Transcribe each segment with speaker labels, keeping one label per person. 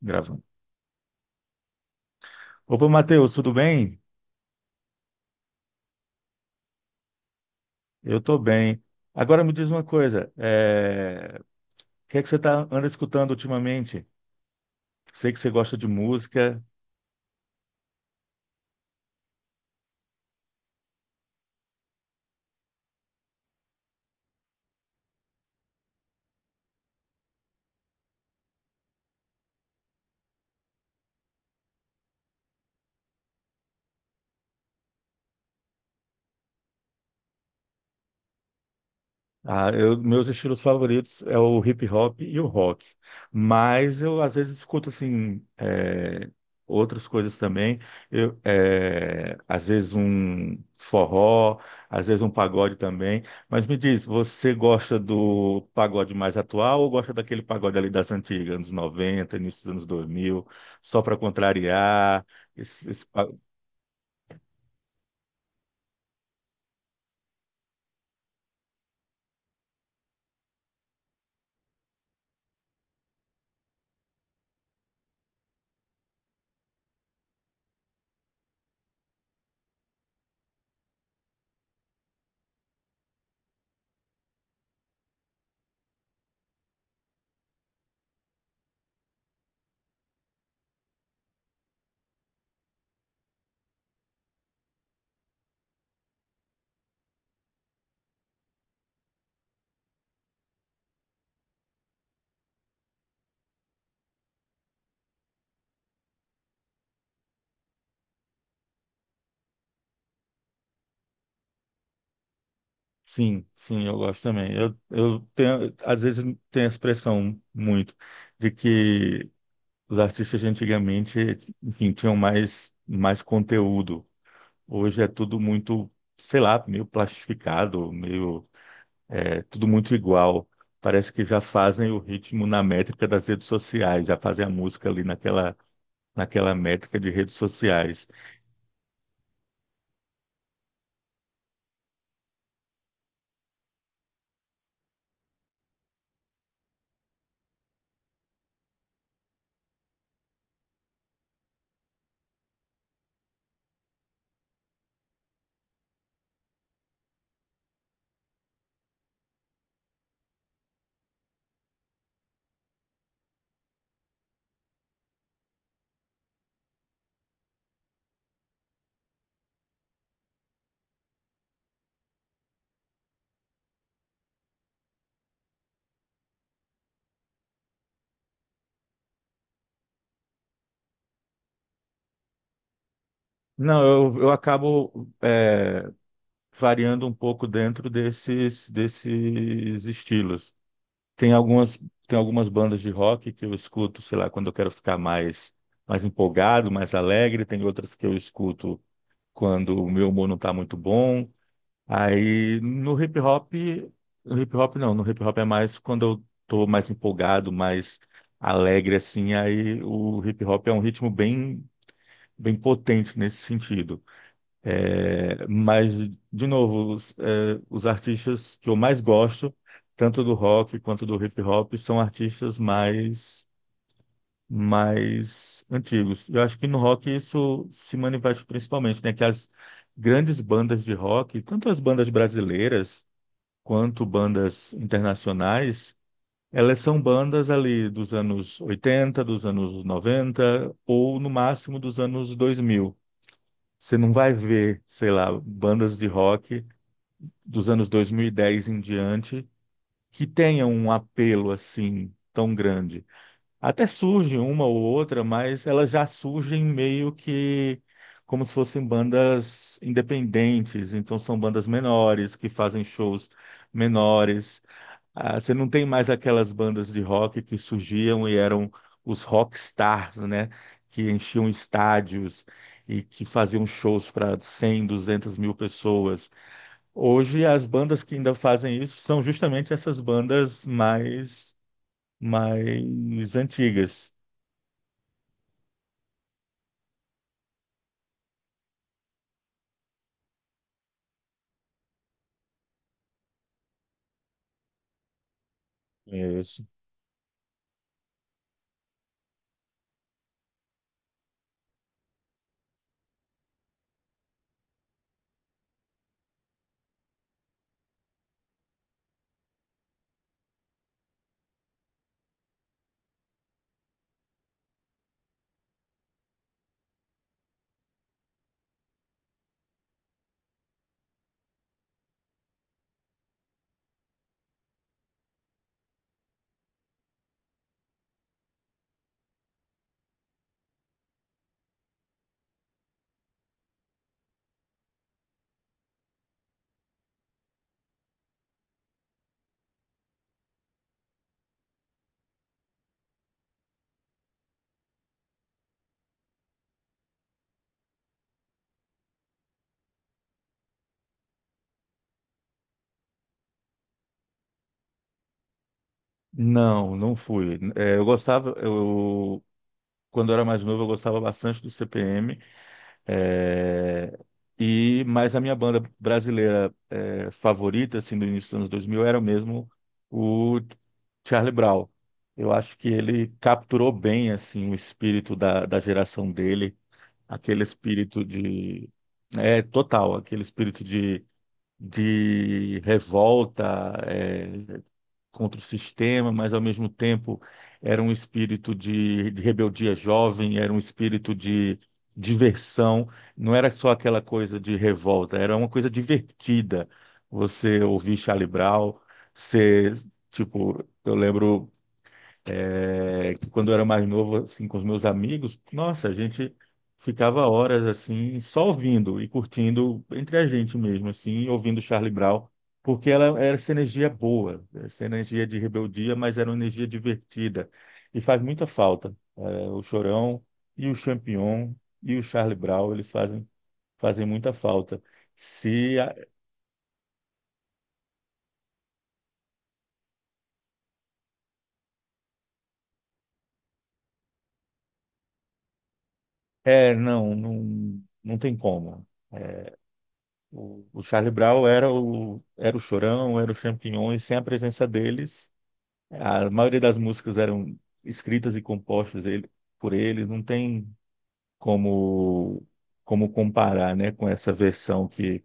Speaker 1: Gravando. Opa, Matheus, tudo bem? Eu tô bem. Agora me diz uma coisa, o que é que você anda escutando ultimamente? Sei que você gosta de música. Ah, meus estilos favoritos é o hip hop e o rock, mas eu às vezes escuto assim outras coisas também. Eu, às vezes um forró, às vezes um pagode também. Mas me diz, você gosta do pagode mais atual ou gosta daquele pagode ali das antigas, anos 90, início dos anos 2000 só para contrariar? Esse. Sim, sim, eu gosto também. Eu tenho, às vezes tem a expressão muito de que os artistas de antigamente, enfim, tinham mais conteúdo. Hoje é tudo muito, sei lá, meio plastificado, tudo muito igual. Parece que já fazem o ritmo na métrica das redes sociais, já fazem a música ali naquela métrica de redes sociais. Não, eu acabo, variando um pouco dentro desses estilos. Tem algumas, tem algumas bandas de rock que eu escuto, sei lá, quando eu quero ficar mais empolgado, mais alegre, tem outras que eu escuto quando o meu humor não está muito bom. Aí no hip hop, no hip hop não, no hip hop é mais quando eu tô mais empolgado, mais alegre assim, aí o hip hop é um ritmo bem potente nesse sentido. É, mas, de novo, os artistas que eu mais gosto, tanto do rock quanto do hip hop, são artistas mais antigos. Eu acho que no rock isso se manifesta principalmente, né? Que as grandes bandas de rock, tanto as bandas brasileiras quanto bandas internacionais, elas são bandas ali dos anos 80, dos anos 90 ou no máximo dos anos 2000. Você não vai ver, sei lá, bandas de rock dos anos 2010 em diante que tenham um apelo assim tão grande. Até surge uma ou outra, mas elas já surgem meio que como se fossem bandas independentes, então são bandas menores que fazem shows menores. Ah, você não tem mais aquelas bandas de rock que surgiam e eram os rockstars, né? Que enchiam estádios e que faziam shows para 100, 200, 1.000 pessoas. Hoje, as bandas que ainda fazem isso são justamente essas bandas mais antigas. Isso. Não, não fui. Eu gostava, eu, quando eu era mais novo, eu gostava bastante do CPM. É, mas a minha banda brasileira é, favorita assim do início dos anos 2000 era mesmo o Charlie Brown. Eu acho que ele capturou bem assim o espírito da geração dele, aquele espírito de é total, aquele espírito de revolta, é, contra o sistema, mas ao mesmo tempo era um espírito de rebeldia jovem, era um espírito de diversão, não era só aquela coisa de revolta, era uma coisa divertida. Você ouvir Charlie Brown, ser, tipo, eu lembro. É que quando eu era mais novo, assim, com os meus amigos, nossa, a gente ficava horas, assim, só ouvindo e curtindo entre a gente mesmo, assim, ouvindo Charlie Brown, porque ela era essa energia boa, essa energia de rebeldia, mas era uma energia divertida. E faz muita falta. É, o Chorão e o Champignon e o Charlie Brown, eles fazem muita falta. Se a- É, não tem como. O Charlie Brown era era o Chorão, era o Champignon, e sem a presença deles, a maioria das músicas eram escritas e compostas por eles, não tem como, como comparar, né, com essa versão que...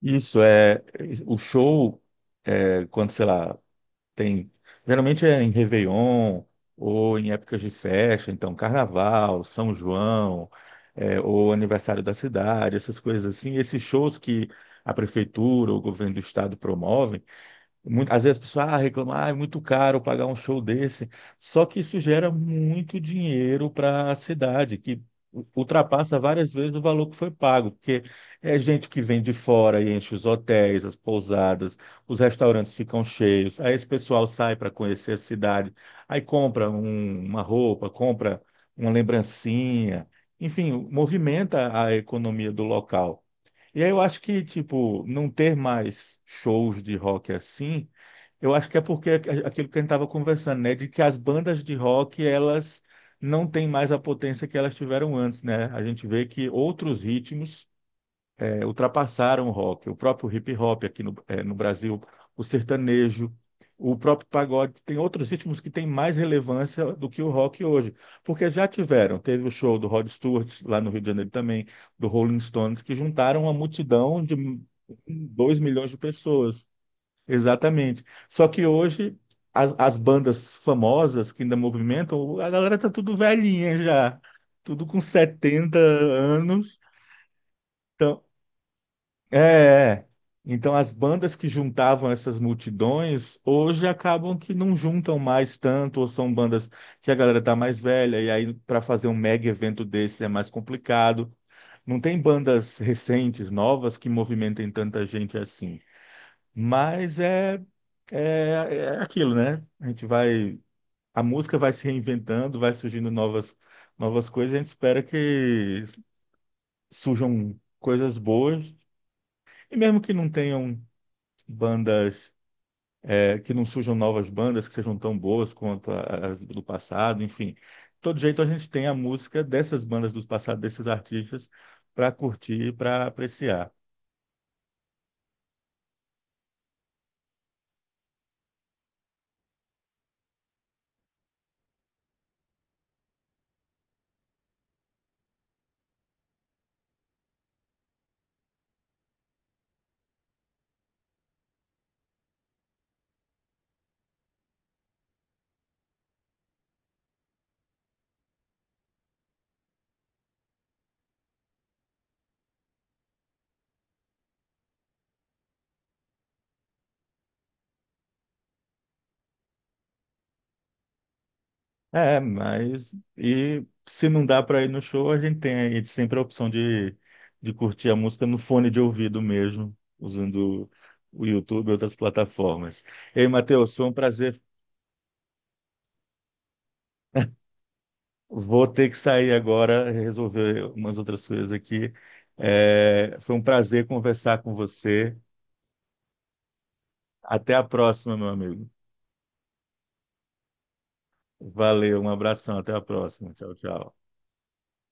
Speaker 1: Isso é... O show, é, quando, sei lá, Tem, geralmente é em Réveillon ou em épocas de festa, então Carnaval, São João, é, ou aniversário da cidade, essas coisas assim. Esses shows que a prefeitura ou o governo do estado promovem muito, às vezes a pessoa ah, reclama, ah, é muito caro pagar um show desse. Só que isso gera muito dinheiro para a cidade, que ultrapassa várias vezes o valor que foi pago, porque é gente que vem de fora e enche os hotéis, as pousadas, os restaurantes ficam cheios. Aí esse pessoal sai para conhecer a cidade, aí compra uma roupa, compra uma lembrancinha, enfim, movimenta a economia do local. E aí eu acho que, tipo, não ter mais shows de rock assim eu acho que é porque aquilo que a gente estava conversando, né? De que as bandas de rock, elas não têm mais a potência que elas tiveram antes, né? A gente vê que outros ritmos ultrapassaram o rock. O próprio hip hop aqui no Brasil, o sertanejo, o próprio pagode. Tem outros ritmos que têm mais relevância do que o rock hoje. Porque já tiveram. Teve o show do Rod Stewart, lá no Rio de Janeiro também, do Rolling Stones, que juntaram uma multidão de 2 milhões de pessoas. Exatamente. Só que hoje as bandas famosas que ainda movimentam, a galera tá tudo velhinha já, tudo com 70 anos. Então, é, é. Então as bandas que juntavam essas multidões hoje acabam que não juntam mais tanto, ou são bandas que a galera tá mais velha, e aí para fazer um mega evento desse é mais complicado. Não tem bandas recentes, novas, que movimentem tanta gente assim. Mas é, é aquilo, né? A música vai se reinventando, vai surgindo novas coisas, e a gente espera que surjam coisas boas, e mesmo que não tenham bandas, é, que não surjam novas bandas que sejam tão boas quanto as do passado, enfim. De todo jeito, a gente tem a música dessas bandas do passado, desses artistas, para curtir, para apreciar. É, mas e se não dá para ir no show, a gente tem aí sempre a opção de curtir a música no fone de ouvido mesmo, usando o YouTube e outras plataformas. Ei, Matheus, foi um prazer. Vou ter que sair agora, resolver umas outras coisas aqui. É, foi um prazer conversar com você. Até a próxima, meu amigo. Valeu, um abração, até a próxima. Tchau, tchau.